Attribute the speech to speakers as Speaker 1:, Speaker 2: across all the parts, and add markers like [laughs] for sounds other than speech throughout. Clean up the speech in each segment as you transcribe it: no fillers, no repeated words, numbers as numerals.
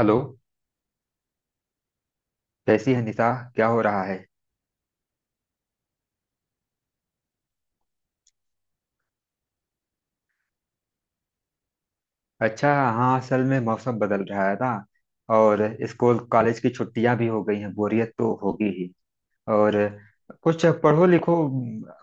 Speaker 1: Hello. कैसी है निशा? क्या हो रहा है? अच्छा हाँ, असल में मौसम बदल रहा है ना, और स्कूल कॉलेज की छुट्टियां भी हो गई हैं, बोरियत तो होगी ही। और कुछ पढ़ो लिखो,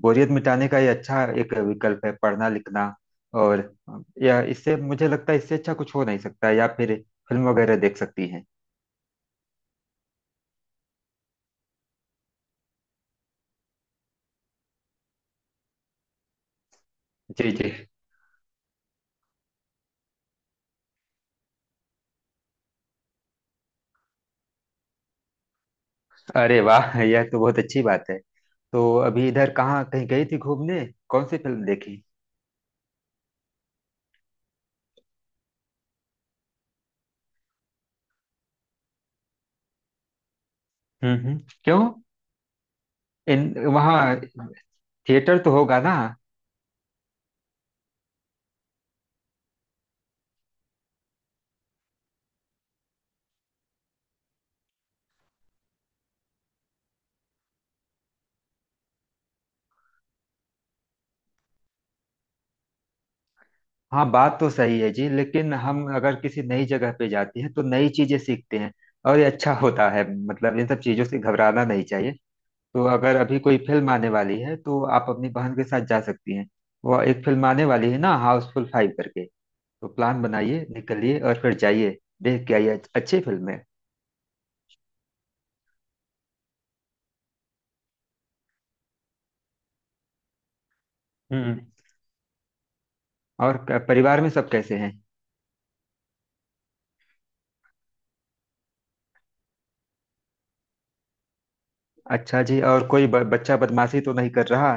Speaker 1: बोरियत मिटाने का ये अच्छा एक विकल्प है पढ़ना लिखना। और या इससे मुझे लगता है इससे अच्छा कुछ हो नहीं सकता, या फिर फिल्म वगैरह देख सकती हैं। जी जी। अरे वाह, यह तो बहुत अच्छी बात है। तो अभी इधर कहाँ कहीं गई थी घूमने? कौन सी फिल्म देखी? क्यों? इन वहाँ थिएटर तो होगा ना? हाँ, बात तो सही है जी, लेकिन हम अगर किसी नई जगह पे जाते हैं तो नई चीजें सीखते हैं, और ये अच्छा होता है, मतलब इन सब चीजों से घबराना नहीं चाहिए। तो अगर अभी कोई फिल्म आने वाली है तो आप अपनी बहन के साथ जा सकती हैं। वह एक फिल्म आने वाली है ना, हाउसफुल 5 करके। तो प्लान बनाइए, निकलिए और फिर जाइए, देख के आइए, अच्छी फिल्म है। हम्म। और परिवार में सब कैसे हैं? अच्छा जी, और कोई बच्चा बदमाशी तो नहीं कर रहा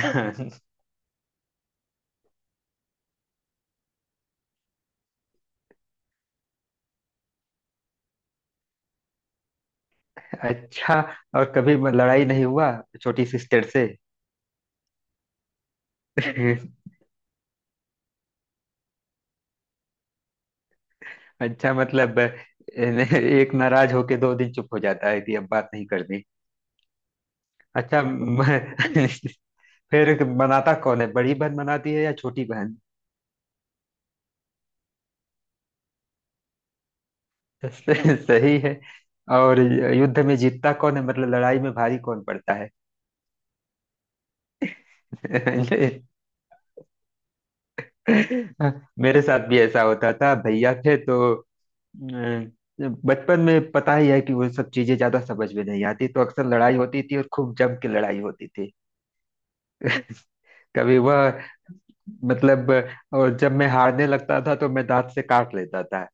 Speaker 1: है? [laughs] अच्छा, और कभी लड़ाई नहीं हुआ छोटी सिस्टर से? [laughs] अच्छा मतलब एक नाराज होके 2 दिन चुप हो जाता है कि अब बात नहीं करनी? अच्छा [laughs] फिर मनाता कौन है, बड़ी बहन मनाती है या छोटी बहन? [laughs] सही है। और युद्ध में जीतता कौन है, मतलब लड़ाई में भारी कौन पड़ता है? [laughs] मेरे साथ भी ऐसा होता था, भैया थे तो बचपन में पता ही है कि वो सब चीजें ज्यादा समझ में नहीं आती, तो अक्सर लड़ाई होती थी और खूब जम के लड़ाई होती थी। कभी वह मतलब, और जब मैं हारने लगता था तो मैं दांत से काट लेता था।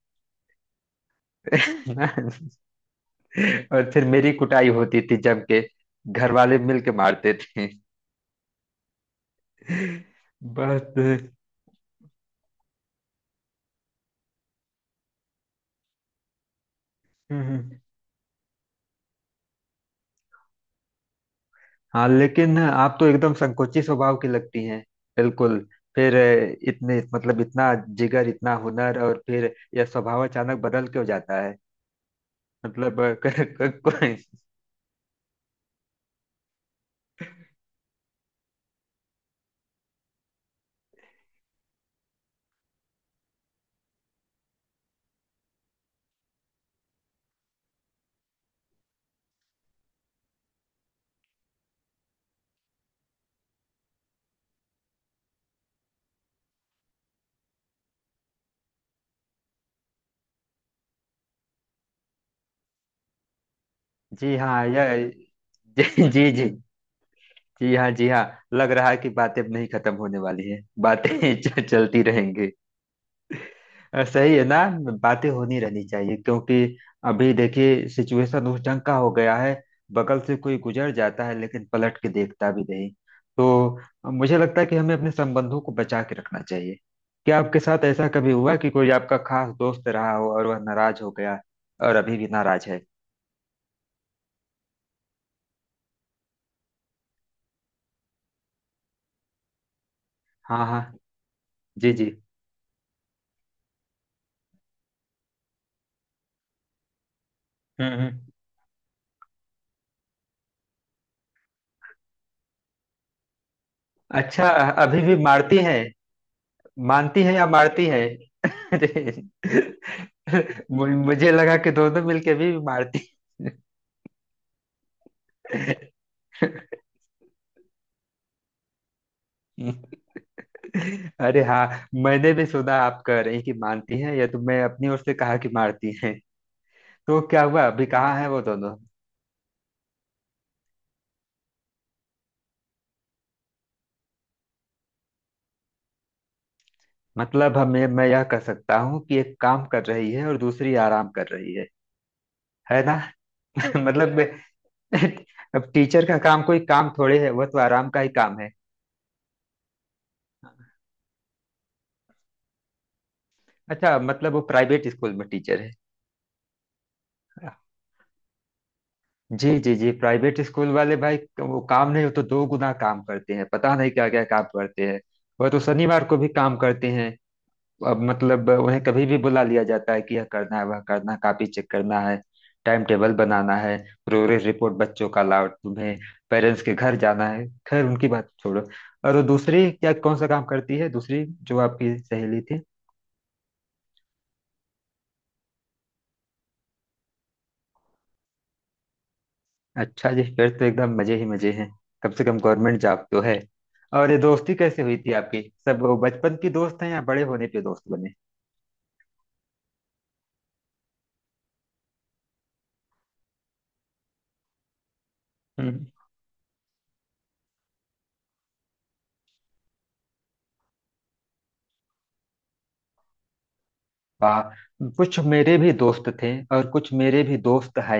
Speaker 1: [laughs] और फिर मेरी कुटाई होती थी जम के, घर वाले मिल के मारते थे। [laughs] बहुत। हाँ लेकिन आप तो एकदम संकोची स्वभाव की लगती हैं, बिल्कुल। फिर इतने मतलब इतना जिगर, इतना हुनर, और फिर यह स्वभाव अचानक बदल क्यों जाता है, मतलब [laughs] अ, क, क, क, जी हाँ। यह जी जी जी। जी हाँ जी हाँ। लग रहा है कि बातें अब नहीं खत्म होने वाली है बातें [laughs] चलती रहेंगी। सही है ना, बातें होनी रहनी चाहिए, क्योंकि अभी देखिए सिचुएशन उस ढंग का हो गया है, बगल से कोई गुजर जाता है लेकिन पलट के देखता भी नहीं। तो मुझे लगता है कि हमें अपने संबंधों को बचा के रखना चाहिए। क्या आपके साथ ऐसा कभी हुआ कि कोई आपका खास दोस्त रहा हो और वह नाराज हो गया, और अभी भी नाराज है? हाँ हाँ। जी जी। हम्म हम्म। अच्छा, अभी भी मारती है? मानती है या मारती है? अरे, मुझे लगा कि दोनों मिलके भी मारती। अरे हाँ, मैंने भी सुना आप कह रही कि मानती हैं, या तो मैं अपनी ओर से कहा कि मारती हैं। तो क्या हुआ, अभी कहाँ है वो दोनों? मतलब हमें, मैं यह कह सकता हूँ कि एक काम कर रही है और दूसरी आराम कर रही है ना? [laughs] मतलब मैं- अब टीचर का काम कोई काम थोड़े है, वह तो आराम का ही काम है। अच्छा मतलब वो प्राइवेट स्कूल में टीचर है। जी जी जी। प्राइवेट स्कूल वाले भाई, वो काम नहीं हो तो दो गुना काम करते हैं, पता नहीं क्या क्या काम करते हैं, वह तो शनिवार को भी काम करते हैं। अब मतलब उन्हें कभी भी बुला लिया जाता है कि यह करना है, वह करना है, कॉपी चेक करना है, टाइम टेबल बनाना है, प्रोग्रेस रिपोर्ट बच्चों का लाओ, तुम्हें पेरेंट्स के घर जाना है। खैर उनकी बात छोड़ो। और वो दूसरी क्या कौन सा काम करती है, दूसरी जो आपकी सहेली थी? अच्छा जी, फिर तो एकदम मजे ही मजे हैं, कम से कम गवर्नमेंट जॉब तो है। और ये दोस्ती कैसे हुई थी आपकी, सब वो बचपन की दोस्त हैं या बड़े होने पे दोस्त बने? हम्म। वाह। कुछ मेरे भी दोस्त थे, और कुछ मेरे भी दोस्त है।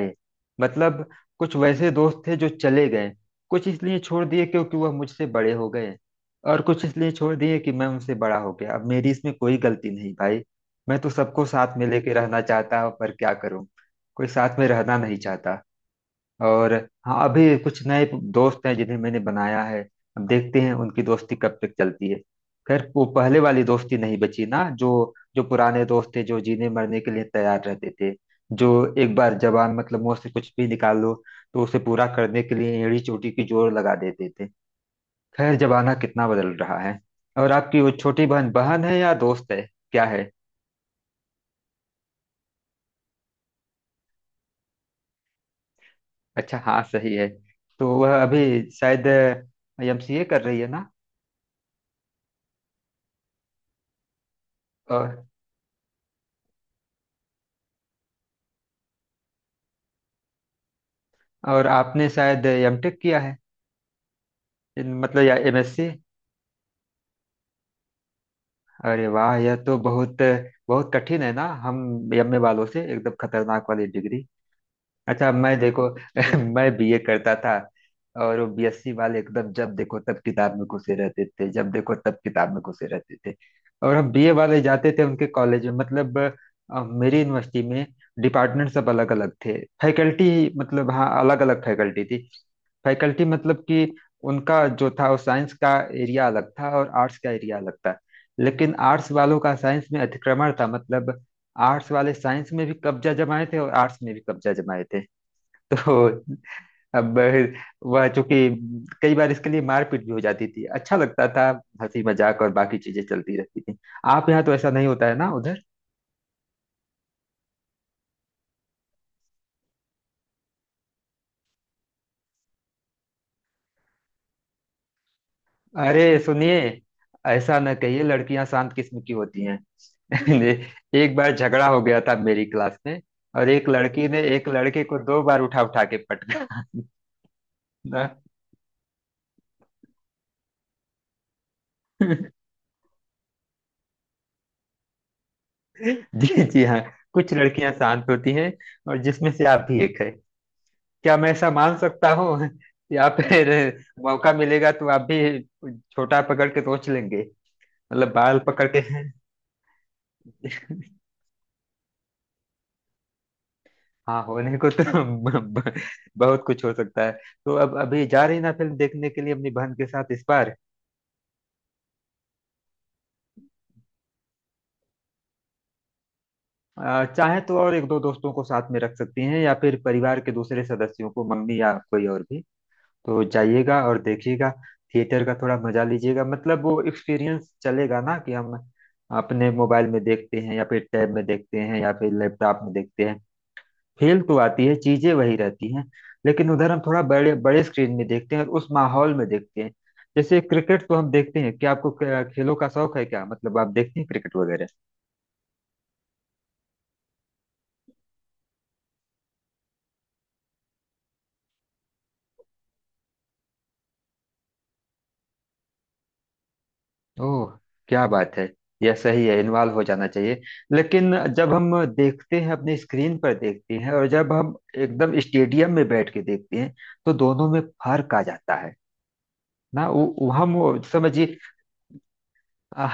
Speaker 1: मतलब कुछ वैसे दोस्त थे जो चले गए, कुछ इसलिए छोड़ दिए क्योंकि वह मुझसे बड़े हो गए, और कुछ इसलिए छोड़ दिए कि मैं उनसे बड़ा हो गया। अब मेरी इसमें कोई गलती नहीं भाई, मैं तो सबको साथ में लेके रहना चाहता हूं, पर क्या करूं, कोई साथ में रहना नहीं चाहता। और हाँ, अभी कुछ नए दोस्त हैं जिन्हें मैंने बनाया है, अब देखते हैं उनकी दोस्ती कब तक चलती है। खैर वो पहले वाली दोस्ती नहीं बची ना, जो जो पुराने दोस्त थे, जो जीने मरने के लिए तैयार रहते थे, जो एक बार जबान मतलब मुंह से कुछ भी निकाल लो तो उसे पूरा करने के लिए एड़ी चोटी की जोर लगा देते थे। खैर, जमाना कितना बदल रहा है। और आपकी वो छोटी बहन, बहन है या दोस्त है, क्या है? अच्छा हाँ सही है। तो वह अभी शायद एमसीए कर रही है ना? और आपने शायद एमटेक किया है, मतलब या एमएससी? अरे वाह, यह तो बहुत बहुत कठिन है ना, हम एमए वालों से एकदम खतरनाक वाली डिग्री। अच्छा मैं देखो [laughs] मैं बीए करता था, और वो बीएससी वाले एकदम जब देखो तब किताब में घुसे रहते थे, जब देखो तब किताब में घुसे रहते थे। और हम बीए वाले जाते थे उनके कॉलेज में, मतलब मेरी यूनिवर्सिटी में डिपार्टमेंट सब अलग अलग थे, फैकल्टी मतलब हाँ अलग अलग फैकल्टी थी। फैकल्टी मतलब कि उनका जो था वो साइंस का एरिया अलग था, और आर्ट्स का एरिया अलग था, लेकिन आर्ट्स वालों का साइंस में अतिक्रमण था, मतलब आर्ट्स वाले साइंस में भी कब्जा जमाए थे और आर्ट्स में भी कब्जा जमाए थे। तो अब वह चूंकि, कई बार इसके लिए मारपीट भी हो जाती थी, अच्छा लगता था, हंसी मजाक और बाकी चीजें चलती रहती थी। आप यहाँ तो ऐसा नहीं होता है ना उधर? अरे सुनिए, ऐसा न कहिए, लड़कियां शांत किस्म की होती हैं। [laughs] एक बार झगड़ा हो गया था मेरी क्लास में, और एक लड़की ने एक लड़के को 2 बार उठा उठा के पटका। [laughs] ना? [laughs] जी जी हाँ, कुछ लड़कियां शांत होती हैं, और जिसमें से आप भी एक है, क्या मैं ऐसा मान सकता हूँ? [laughs] या फिर मौका मिलेगा तो आप भी छोटा पकड़ के सोच लेंगे, मतलब बाल पकड़ के। [laughs] हाँ, होने को तो [laughs] ब- ब- बहुत कुछ हो सकता है। तो अब अभी जा रही ना फिल्म देखने के लिए अपनी बहन के साथ इस बार? चाहे तो और 1 2 दोस्तों को साथ में रख सकती हैं, या फिर परिवार के दूसरे सदस्यों को, मम्मी या कोई और भी, तो जाइएगा और देखिएगा, थिएटर का थोड़ा मजा लीजिएगा। मतलब वो एक्सपीरियंस चलेगा ना, कि हम अपने मोबाइल में देखते हैं या फिर टैब में देखते हैं या फिर लैपटॉप में देखते हैं, फील तो आती है, चीजें वही रहती हैं, लेकिन उधर हम थोड़ा बड़े बड़े स्क्रीन में देखते हैं और उस माहौल में देखते हैं। जैसे क्रिकेट तो हम देखते हैं, क्या आपको खेलों का शौक है क्या, मतलब आप देखते हैं क्रिकेट वगैरह? ओह, क्या बात है, यह सही है, इन्वॉल्व हो जाना चाहिए। लेकिन जब हम देखते हैं अपने स्क्रीन पर देखते हैं, और जब हम एकदम स्टेडियम में बैठ के देखते हैं, तो दोनों में फर्क आ जाता है ना। वो हम वो समझिए,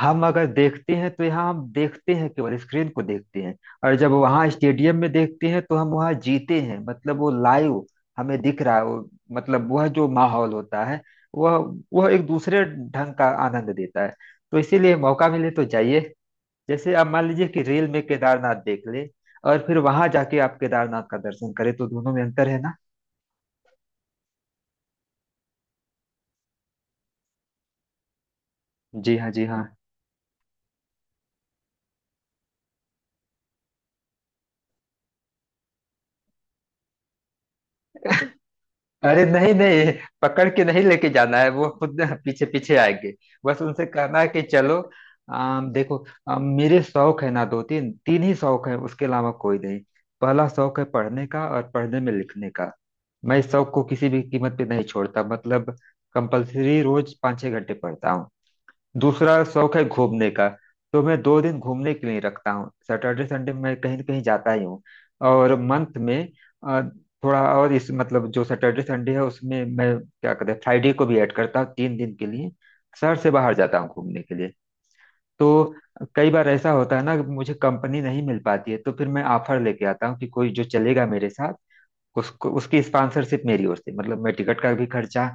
Speaker 1: हम अगर देखते हैं तो यहाँ हम देखते हैं केवल स्क्रीन को देखते हैं, और जब वहाँ स्टेडियम में देखते हैं तो हम वहाँ जीते हैं, मतलब वो लाइव हमें दिख रहा है। वो मतलब वह जो माहौल होता है, वह वह एक दूसरे ढंग का आनंद देता है। तो इसीलिए मौका मिले तो जाइए। जैसे आप मान लीजिए कि रील में केदारनाथ देख ले, और फिर वहां जाके आप केदारनाथ का दर्शन करें, तो दोनों में अंतर है ना। जी हाँ जी हाँ। अरे नहीं नहीं, पकड़ के नहीं लेके जाना है, वो खुद [laughs] पीछे पीछे आएंगे, बस उनसे कहना है कि चलो। देखो, मेरे शौक है ना, दो तीन तीन ही शौक है, उसके अलावा कोई नहीं। पहला शौक है पढ़ने का, और पढ़ने में लिखने का। मैं इस शौक को किसी भी कीमत पे नहीं छोड़ता, मतलब कंपल्सरी रोज 5 6 घंटे पढ़ता हूँ। दूसरा शौक है घूमने का, तो मैं 2 दिन घूमने के लिए रखता हूँ, सैटरडे संडे मैं कहीं न कहीं जाता ही हूँ। और मंथ में अ, थोड़ा और इस मतलब जो सैटरडे संडे है उसमें मैं क्या कहते हैं फ्राइडे को भी ऐड करता हूँ, 3 दिन के लिए शहर से बाहर जाता हूँ घूमने के लिए। तो कई बार ऐसा होता है ना कि मुझे कंपनी नहीं मिल पाती है, तो फिर मैं ऑफर लेके आता हूँ कि कोई जो चलेगा मेरे साथ उसको, उसकी स्पॉन्सरशिप मेरी ओर से, मतलब मैं टिकट का भी खर्चा,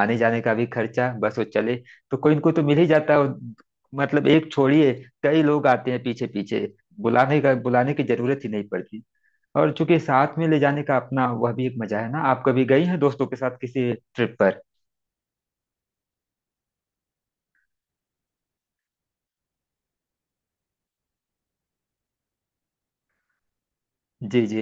Speaker 1: आने जाने का भी खर्चा, बस वो चले। तो कोई इनको तो मिल ही जाता है, और मतलब एक छोड़िए, कई लोग आते हैं पीछे पीछे, बुलाने की जरूरत ही नहीं पड़ती। और चूंकि साथ में ले जाने का अपना वह भी एक मजा है ना, आप कभी गई हैं दोस्तों के साथ किसी ट्रिप पर? जी जी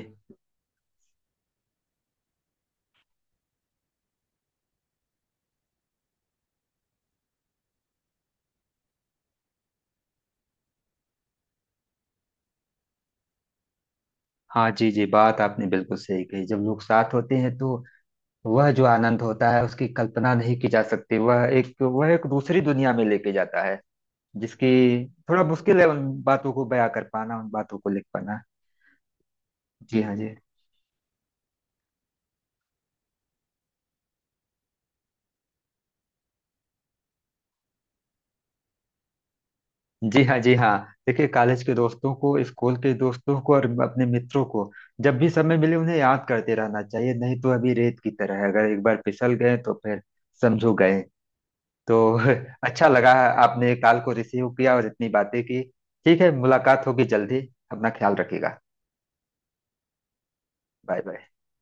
Speaker 1: हाँ। जी जी, बात आपने बिल्कुल सही कही, जब लोग साथ होते हैं तो वह जो आनंद होता है उसकी कल्पना नहीं की जा सकती, वह एक दूसरी दुनिया में लेके जाता है, जिसकी थोड़ा मुश्किल है उन बातों को बयां कर पाना, उन बातों को लिख पाना। जी हाँ जी। जी हाँ जी हाँ। देखिए कॉलेज के दोस्तों को, स्कूल के दोस्तों को और अपने मित्रों को जब भी समय मिले उन्हें याद करते रहना चाहिए, नहीं तो अभी रेत की तरह है, अगर एक बार फिसल गए तो फिर समझो गए। तो [laughs] अच्छा लगा आपने कॉल को रिसीव किया और इतनी बातें की। ठीक है, मुलाकात होगी जल्दी, अपना ख्याल रखिएगा। Bye bye.